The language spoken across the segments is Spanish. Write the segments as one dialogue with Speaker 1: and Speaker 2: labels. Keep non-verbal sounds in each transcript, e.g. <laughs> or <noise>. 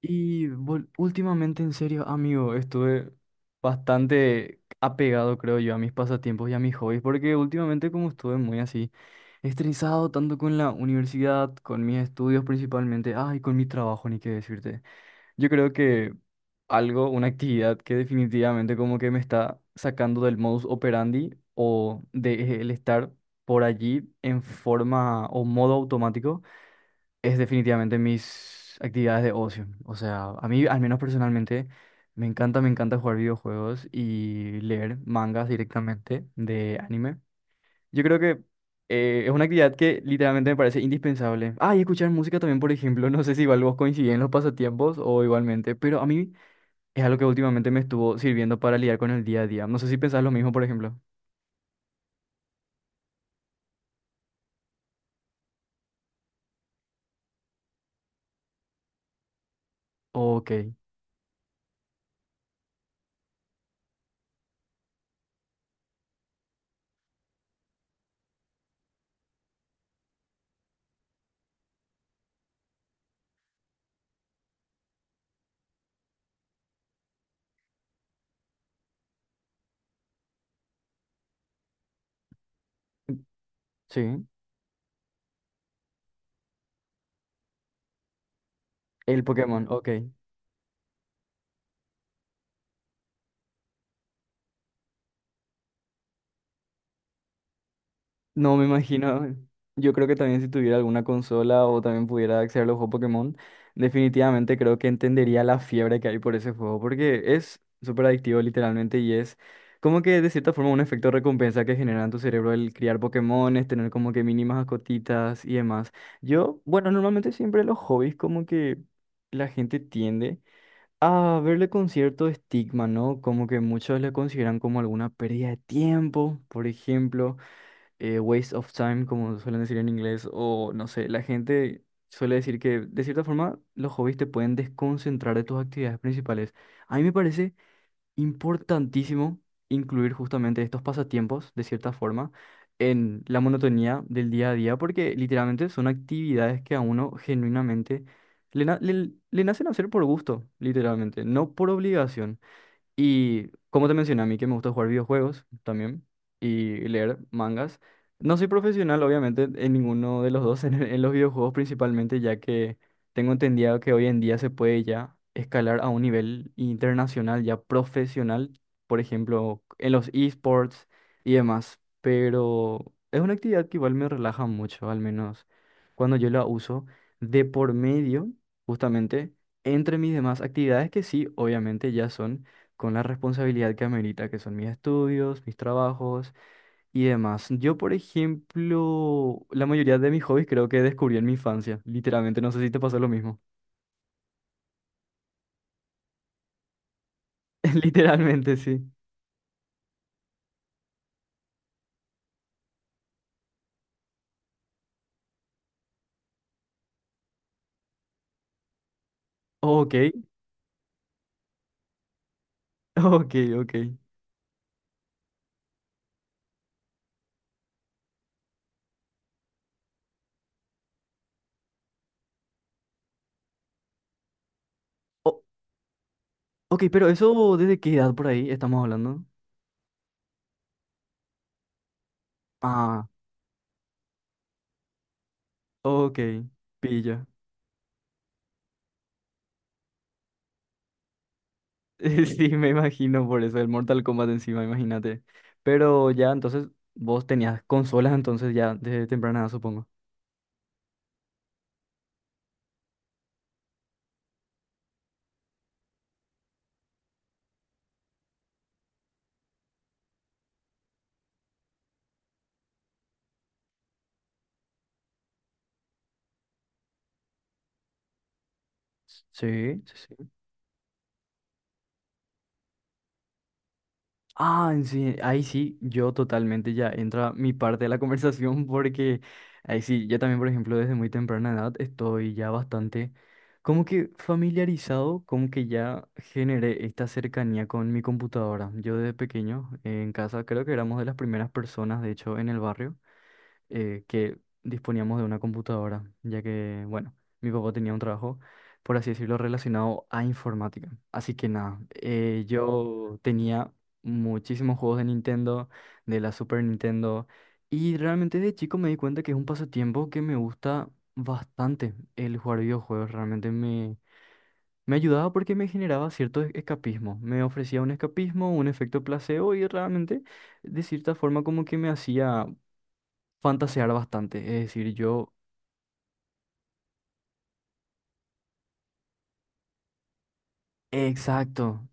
Speaker 1: Últimamente, en serio, amigo, estuve bastante apegado, creo yo, a mis pasatiempos y a mis hobbies, porque últimamente como estuve muy así, estresado tanto con la universidad, con mis estudios principalmente, ay, con mi trabajo, ni qué decirte. Yo creo que algo, una actividad que definitivamente como que me está sacando del modus operandi o de el estar por allí en forma o modo automático es definitivamente mis actividades de ocio. O sea, a mí, al menos personalmente, me encanta jugar videojuegos y leer mangas directamente de anime. Yo creo que es una actividad que literalmente me parece indispensable. Ah, y escuchar música también, por ejemplo. <laughs> No sé si igual vos coincidís en los pasatiempos o igualmente, pero a mí es algo que últimamente me estuvo sirviendo para lidiar con el día a día. No sé si pensás lo mismo, por ejemplo. Ok, sí. El Pokémon, ok. No me imagino. Yo creo que también si tuviera alguna consola o también pudiera acceder a los juegos Pokémon, definitivamente creo que entendería la fiebre que hay por ese juego, porque es súper adictivo literalmente y es como que de cierta forma un efecto recompensa que genera en tu cerebro el criar Pokémones, tener como que mínimas cotitas y demás. Yo, bueno, normalmente siempre los hobbies como que la gente tiende a verle con cierto estigma, ¿no? Como que muchos le consideran como alguna pérdida de tiempo, por ejemplo waste of time, como suelen decir en inglés, o no sé, la gente suele decir que de cierta forma los hobbies te pueden desconcentrar de tus actividades principales. A mí me parece importantísimo incluir justamente estos pasatiempos, de cierta forma, en la monotonía del día a día, porque literalmente son actividades que a uno genuinamente le, na- le le nacen hacer por gusto, literalmente, no por obligación. Y como te mencioné, a mí que me gusta jugar videojuegos también y leer mangas. No soy profesional, obviamente, en ninguno de los dos, <laughs> en los videojuegos principalmente, ya que tengo entendido que hoy en día se puede ya escalar a un nivel internacional, ya profesional, por ejemplo, en los esports y demás. Pero es una actividad que igual me relaja mucho, al menos cuando yo la uso de por medio, justamente, entre mis demás actividades que sí, obviamente, ya son con la responsabilidad que amerita, que son mis estudios, mis trabajos y demás. Yo, por ejemplo, la mayoría de mis hobbies creo que descubrí en mi infancia, literalmente, no sé si te pasó lo mismo. <laughs> Literalmente, sí. Ok, <laughs> ok, ok. O- ok, pero eso, ¿desde qué edad por ahí estamos hablando? Ah, ok, pilla. <laughs> Sí, me imagino por eso, el Mortal Kombat encima, imagínate. Pero ya, entonces, vos tenías consolas, entonces ya, desde temprana edad, supongo. Sí, sí. Ah, sí, ahí sí, yo totalmente ya entra mi parte de la conversación <laughs> porque ahí sí, yo también, por ejemplo, desde muy temprana edad estoy ya bastante como que familiarizado, como que ya generé esta cercanía con mi computadora. Yo desde pequeño en casa creo que éramos de las primeras personas, de hecho, en el barrio que disponíamos de una computadora, ya que, bueno, mi papá tenía un trabajo, por así decirlo, relacionado a informática. Así que nada, yo tenía muchísimos juegos de Nintendo, de la Super Nintendo, y realmente de chico me di cuenta que es un pasatiempo que me gusta bastante el jugar videojuegos, realmente me... Me ayudaba porque me generaba cierto escapismo. Me ofrecía un escapismo, un efecto placebo y realmente de cierta forma como que me hacía fantasear bastante. Es decir, yo, exacto,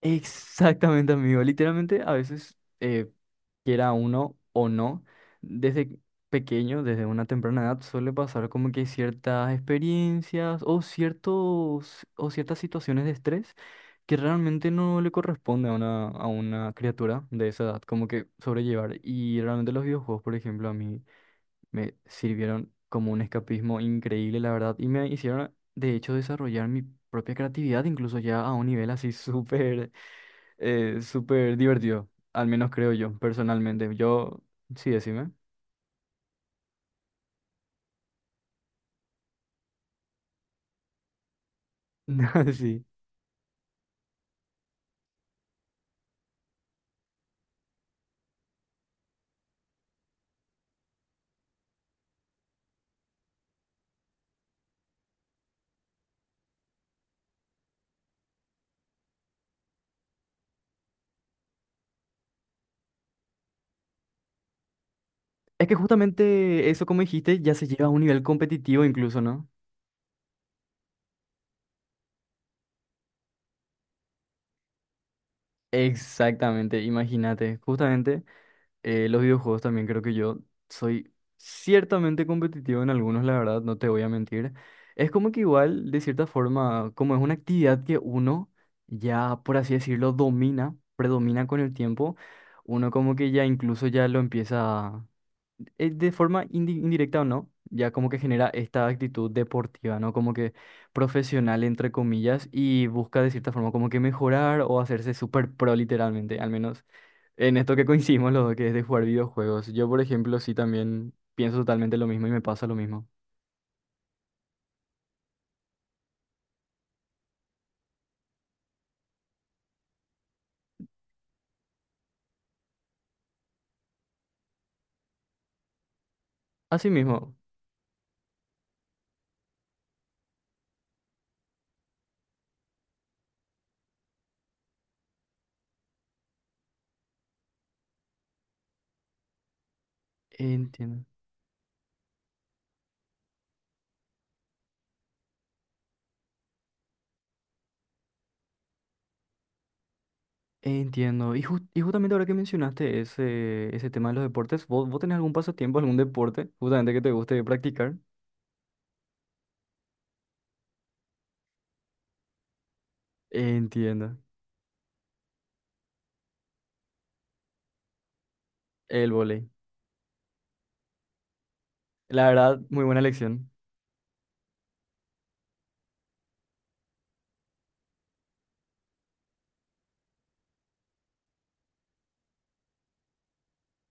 Speaker 1: exactamente, amigo. Literalmente, a veces, quiera uno o no, desde pequeño, desde una temprana edad, suele pasar como que ciertas experiencias o ciertos, o ciertas situaciones de estrés que realmente no le corresponde a a una criatura de esa edad, como que sobrellevar. Y realmente los videojuegos, por ejemplo, a mí. Me sirvieron como un escapismo increíble, la verdad, y me hicieron, de hecho, desarrollar mi propia creatividad, incluso ya a un nivel así <laughs> súper, súper divertido, al menos creo yo, personalmente. Yo, sí, decime. <laughs> Sí. Es que justamente eso, como dijiste, ya se lleva a un nivel competitivo incluso, ¿no? Exactamente, imagínate, justamente. Los videojuegos también creo que yo soy ciertamente competitivo en algunos, la verdad, no te voy a mentir. Es como que igual, de cierta forma, como es una actividad que uno ya, por así decirlo, domina, predomina con el tiempo, uno como que ya incluso ya lo empieza, de forma indirecta o no, ya como que genera esta actitud deportiva, ¿no? Como que profesional, entre comillas, y busca de cierta forma como que mejorar o hacerse súper pro literalmente, al menos. En esto que coincidimos los dos, que es de jugar videojuegos. Yo, por ejemplo, sí también pienso totalmente lo mismo y me pasa lo mismo. Así mismo. Entiendo. Entiendo. Y, justamente ahora que mencionaste ese tema de los deportes, ¿vos tenés algún pasatiempo, algún deporte justamente que te guste practicar? Entiendo. El vóley. La verdad, muy buena elección.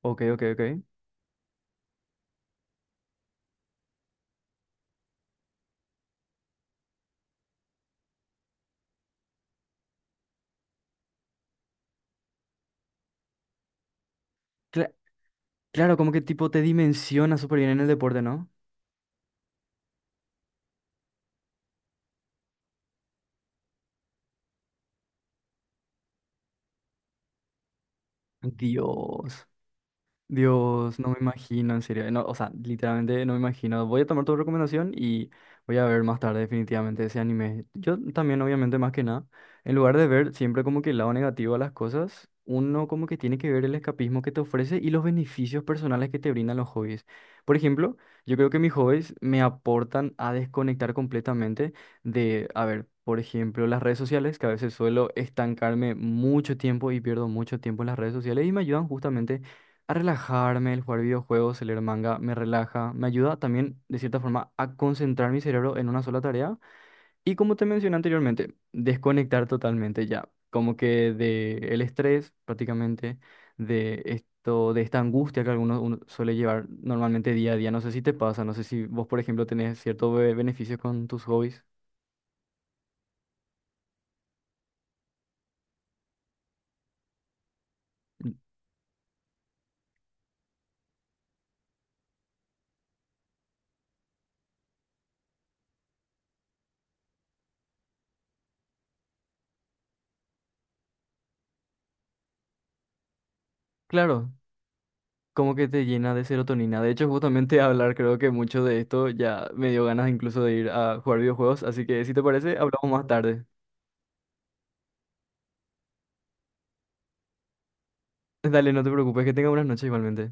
Speaker 1: Ok, ok, ok. Cla- claro, como que tipo te dimensiona súper bien en el deporte, ¿no? Dios. Dios, no me imagino, en serio. No, o sea, literalmente no me imagino. Voy a tomar tu recomendación y voy a ver más tarde definitivamente ese anime. Yo también, obviamente, más que nada, en lugar de ver siempre como que el lado negativo a las cosas, uno como que tiene que ver el escapismo que te ofrece y los beneficios personales que te brindan los hobbies. Por ejemplo, yo creo que mis hobbies me aportan a desconectar completamente de, a ver, por ejemplo, las redes sociales, que a veces suelo estancarme mucho tiempo y pierdo mucho tiempo en las redes sociales y me ayudan justamente a relajarme, el jugar videojuegos, el leer manga, me relaja, me ayuda también de cierta forma a concentrar mi cerebro en una sola tarea y como te mencioné anteriormente, desconectar totalmente ya, como que de el estrés prácticamente, de esto, de esta angustia que algunos uno suele llevar normalmente día a día. No sé si te pasa, no sé si vos, por ejemplo, tenés ciertos beneficios con tus hobbies. Claro, como que te llena de serotonina. De hecho, justamente hablar creo que mucho de esto ya me dio ganas incluso de ir a jugar videojuegos, así que si te parece, hablamos más tarde. Dale, no te preocupes, que tenga buenas noches igualmente.